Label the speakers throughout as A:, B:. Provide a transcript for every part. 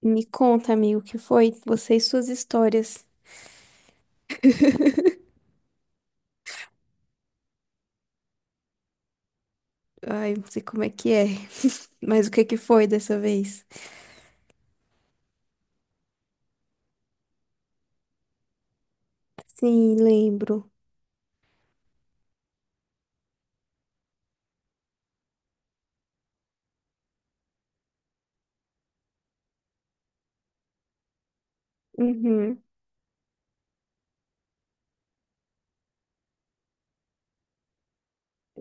A: Me conta, amigo, o que foi? Você e suas histórias. Ai, não sei como é que é. Mas o que que foi dessa vez? Sim, lembro. Uhum.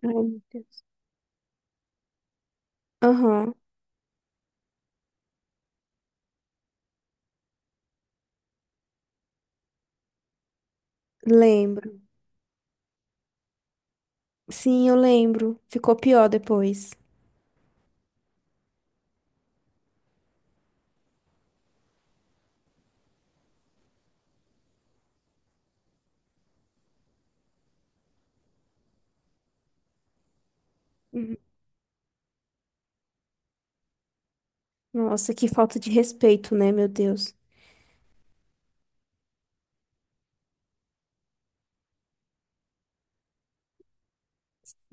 A: Ai, meu Deus. Aham, lembro. Sim, eu lembro. Ficou pior depois. Uhum. Nossa, que falta de respeito, né, meu Deus?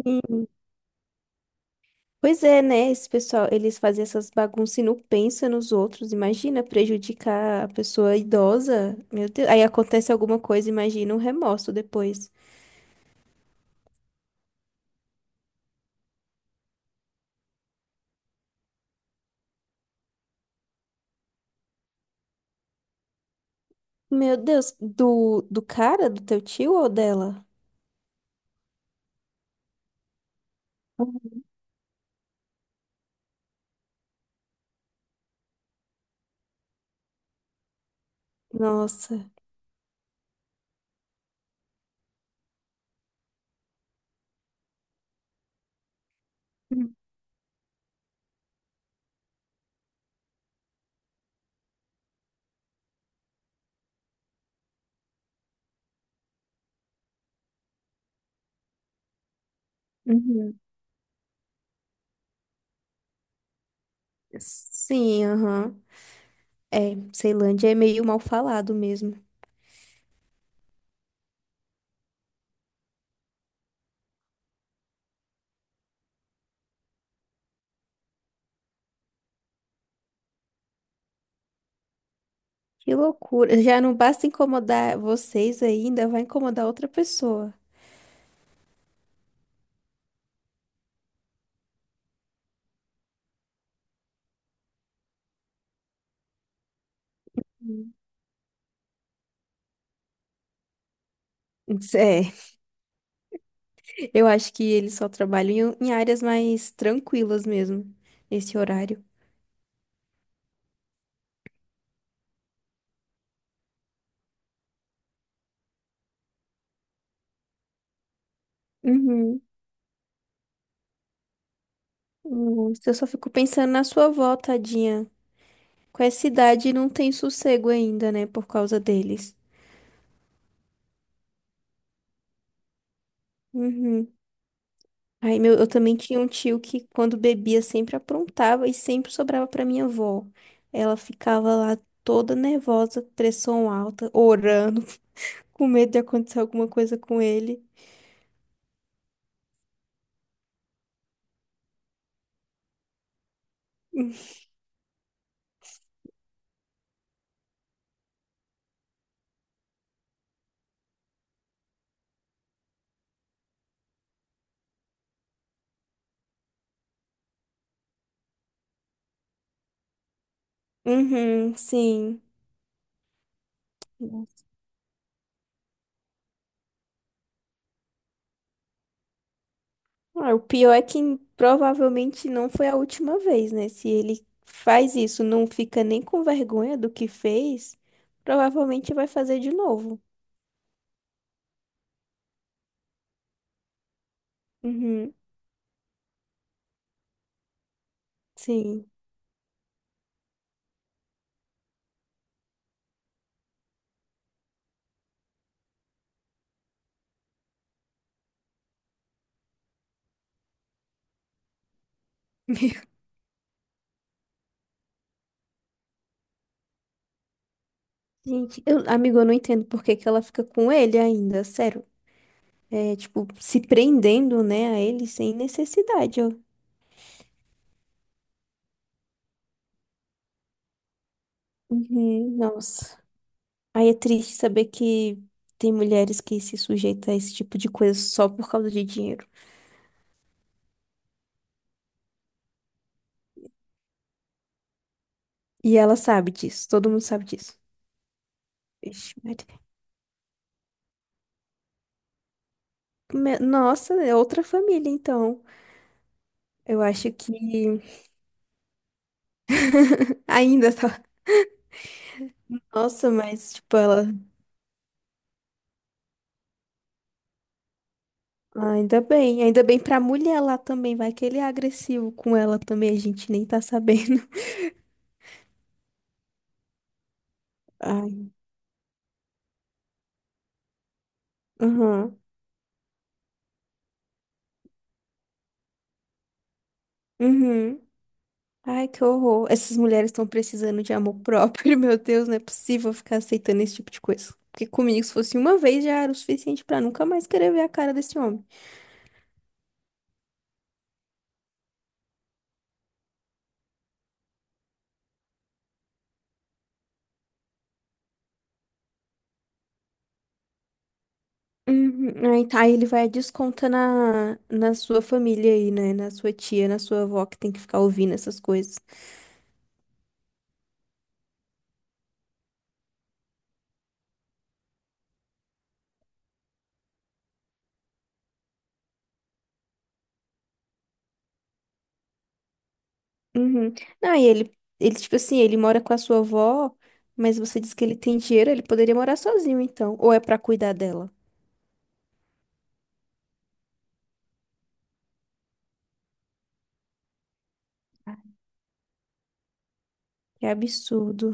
A: Sim. Pois é, né? Esse pessoal, eles fazem essas bagunças e não pensam nos outros. Imagina prejudicar a pessoa idosa. Meu Deus. Aí acontece alguma coisa, imagina um remorso depois. Meu Deus, do cara, do teu tio ou dela? Nossa. Uhum. Uhum. Sim, aham. É, Ceilândia é meio mal falado mesmo. Que loucura. Já não basta incomodar vocês aí, ainda, vai incomodar outra pessoa. Uhum. É. Eu acho que eles só trabalham em áreas mais tranquilas mesmo, nesse horário. Uhum. Nossa, eu só fico pensando na sua avó, tadinha. Com essa idade não tem sossego ainda, né? Por causa deles. Uhum. Aí meu, eu também tinha um tio que quando bebia sempre aprontava e sempre sobrava pra minha avó. Ela ficava lá toda nervosa, pressão alta, orando, com medo de acontecer alguma coisa com ele. Uhum, sim. Ah, o pior é que provavelmente não foi a última vez, né? Se ele faz isso, não fica nem com vergonha do que fez, provavelmente vai fazer de novo. Uhum, sim. Gente, eu, amigo, eu não entendo por que que ela fica com ele ainda, sério. É, tipo, se prendendo, né, a ele sem necessidade. Ó. Uhum, nossa. Aí é triste saber que tem mulheres que se sujeitam a esse tipo de coisa só por causa de dinheiro. E ela sabe disso, todo mundo sabe disso. Ixi, Maria. Me- Nossa, é outra família, então. Eu acho que ainda tá. Nossa, mas, tipo, ela. Ah, ainda bem. Ainda bem pra mulher lá também. Vai que ele é agressivo com ela também. A gente nem tá sabendo. Ai. Uhum. Uhum. Ai, que horror. Essas mulheres estão precisando de amor próprio. Meu Deus, não é possível ficar aceitando esse tipo de coisa. Porque comigo, se fosse uma vez, já era o suficiente pra nunca mais querer ver a cara desse homem. Uhum. Aí, tá, aí ele vai descontar na sua família aí, né? Na sua tia, na sua avó, que tem que ficar ouvindo essas coisas. Uhum. Não, e ele, tipo assim, ele mora com a sua avó, mas você diz que ele tem dinheiro, ele poderia morar sozinho, então. Ou é pra cuidar dela? Ah, que absurdo.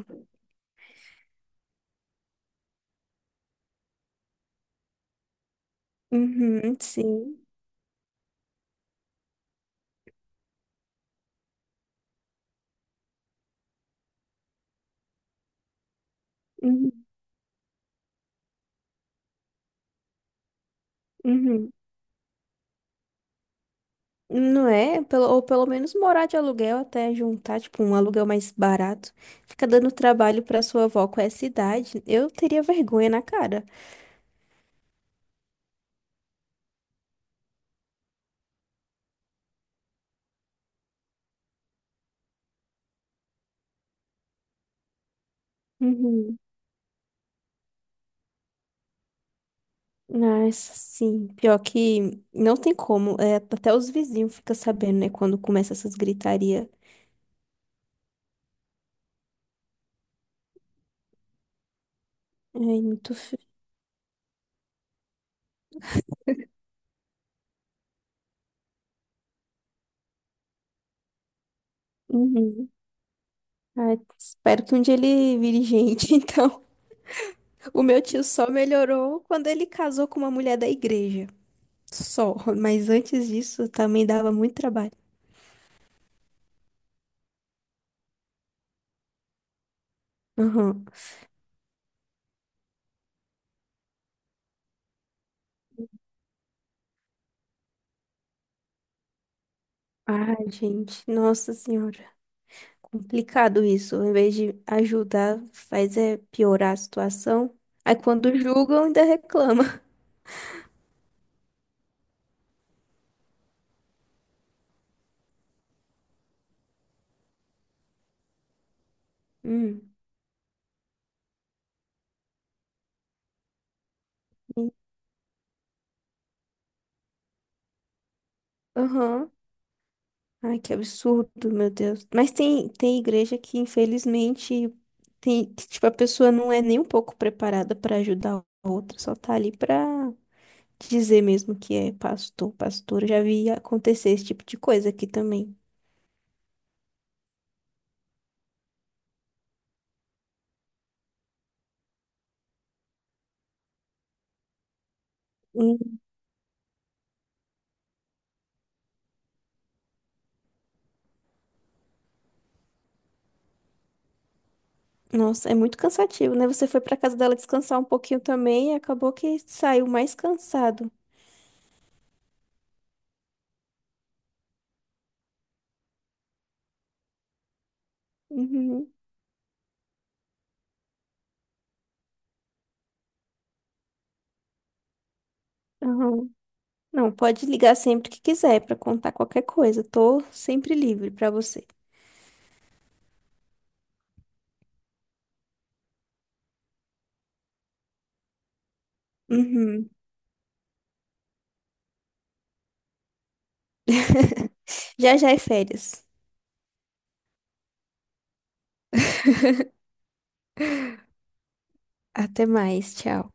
A: Uhum, sim. Uhum, uhum. Não é? Pelo, ou pelo menos morar de aluguel até juntar, tipo, um aluguel mais barato. Fica dando trabalho pra sua avó com essa idade. Eu teria vergonha na cara. Uhum. Nossa, sim. Pior que não tem como. É, até os vizinhos ficam sabendo, né? Quando começa essas gritarias. Ai, muito feio. Uhum. Ai, espero que um dia ele vire gente. Então, o meu tio só melhorou quando ele casou com uma mulher da igreja. Só. Mas antes disso, também dava muito trabalho. Uhum. Ai, gente. Nossa Senhora. Complicado isso. Em vez de ajudar, faz é piorar a situação. Aí quando julgam, ainda reclamam. Hum. e- Aham. Ai, que absurdo, meu Deus. Mas tem igreja que, infelizmente, tem, que, tipo, a pessoa não é nem um pouco preparada para ajudar a outra, só tá ali pra dizer mesmo que é pastor, pastora. Já vi acontecer esse tipo de coisa aqui também. Hum. Nossa, é muito cansativo, né? Você foi pra casa dela descansar um pouquinho também e acabou que saiu mais cansado. Uhum. Aham. Não, pode ligar sempre que quiser pra contar qualquer coisa. Tô sempre livre pra você. Uhum. Já já é férias. Até mais, tchau.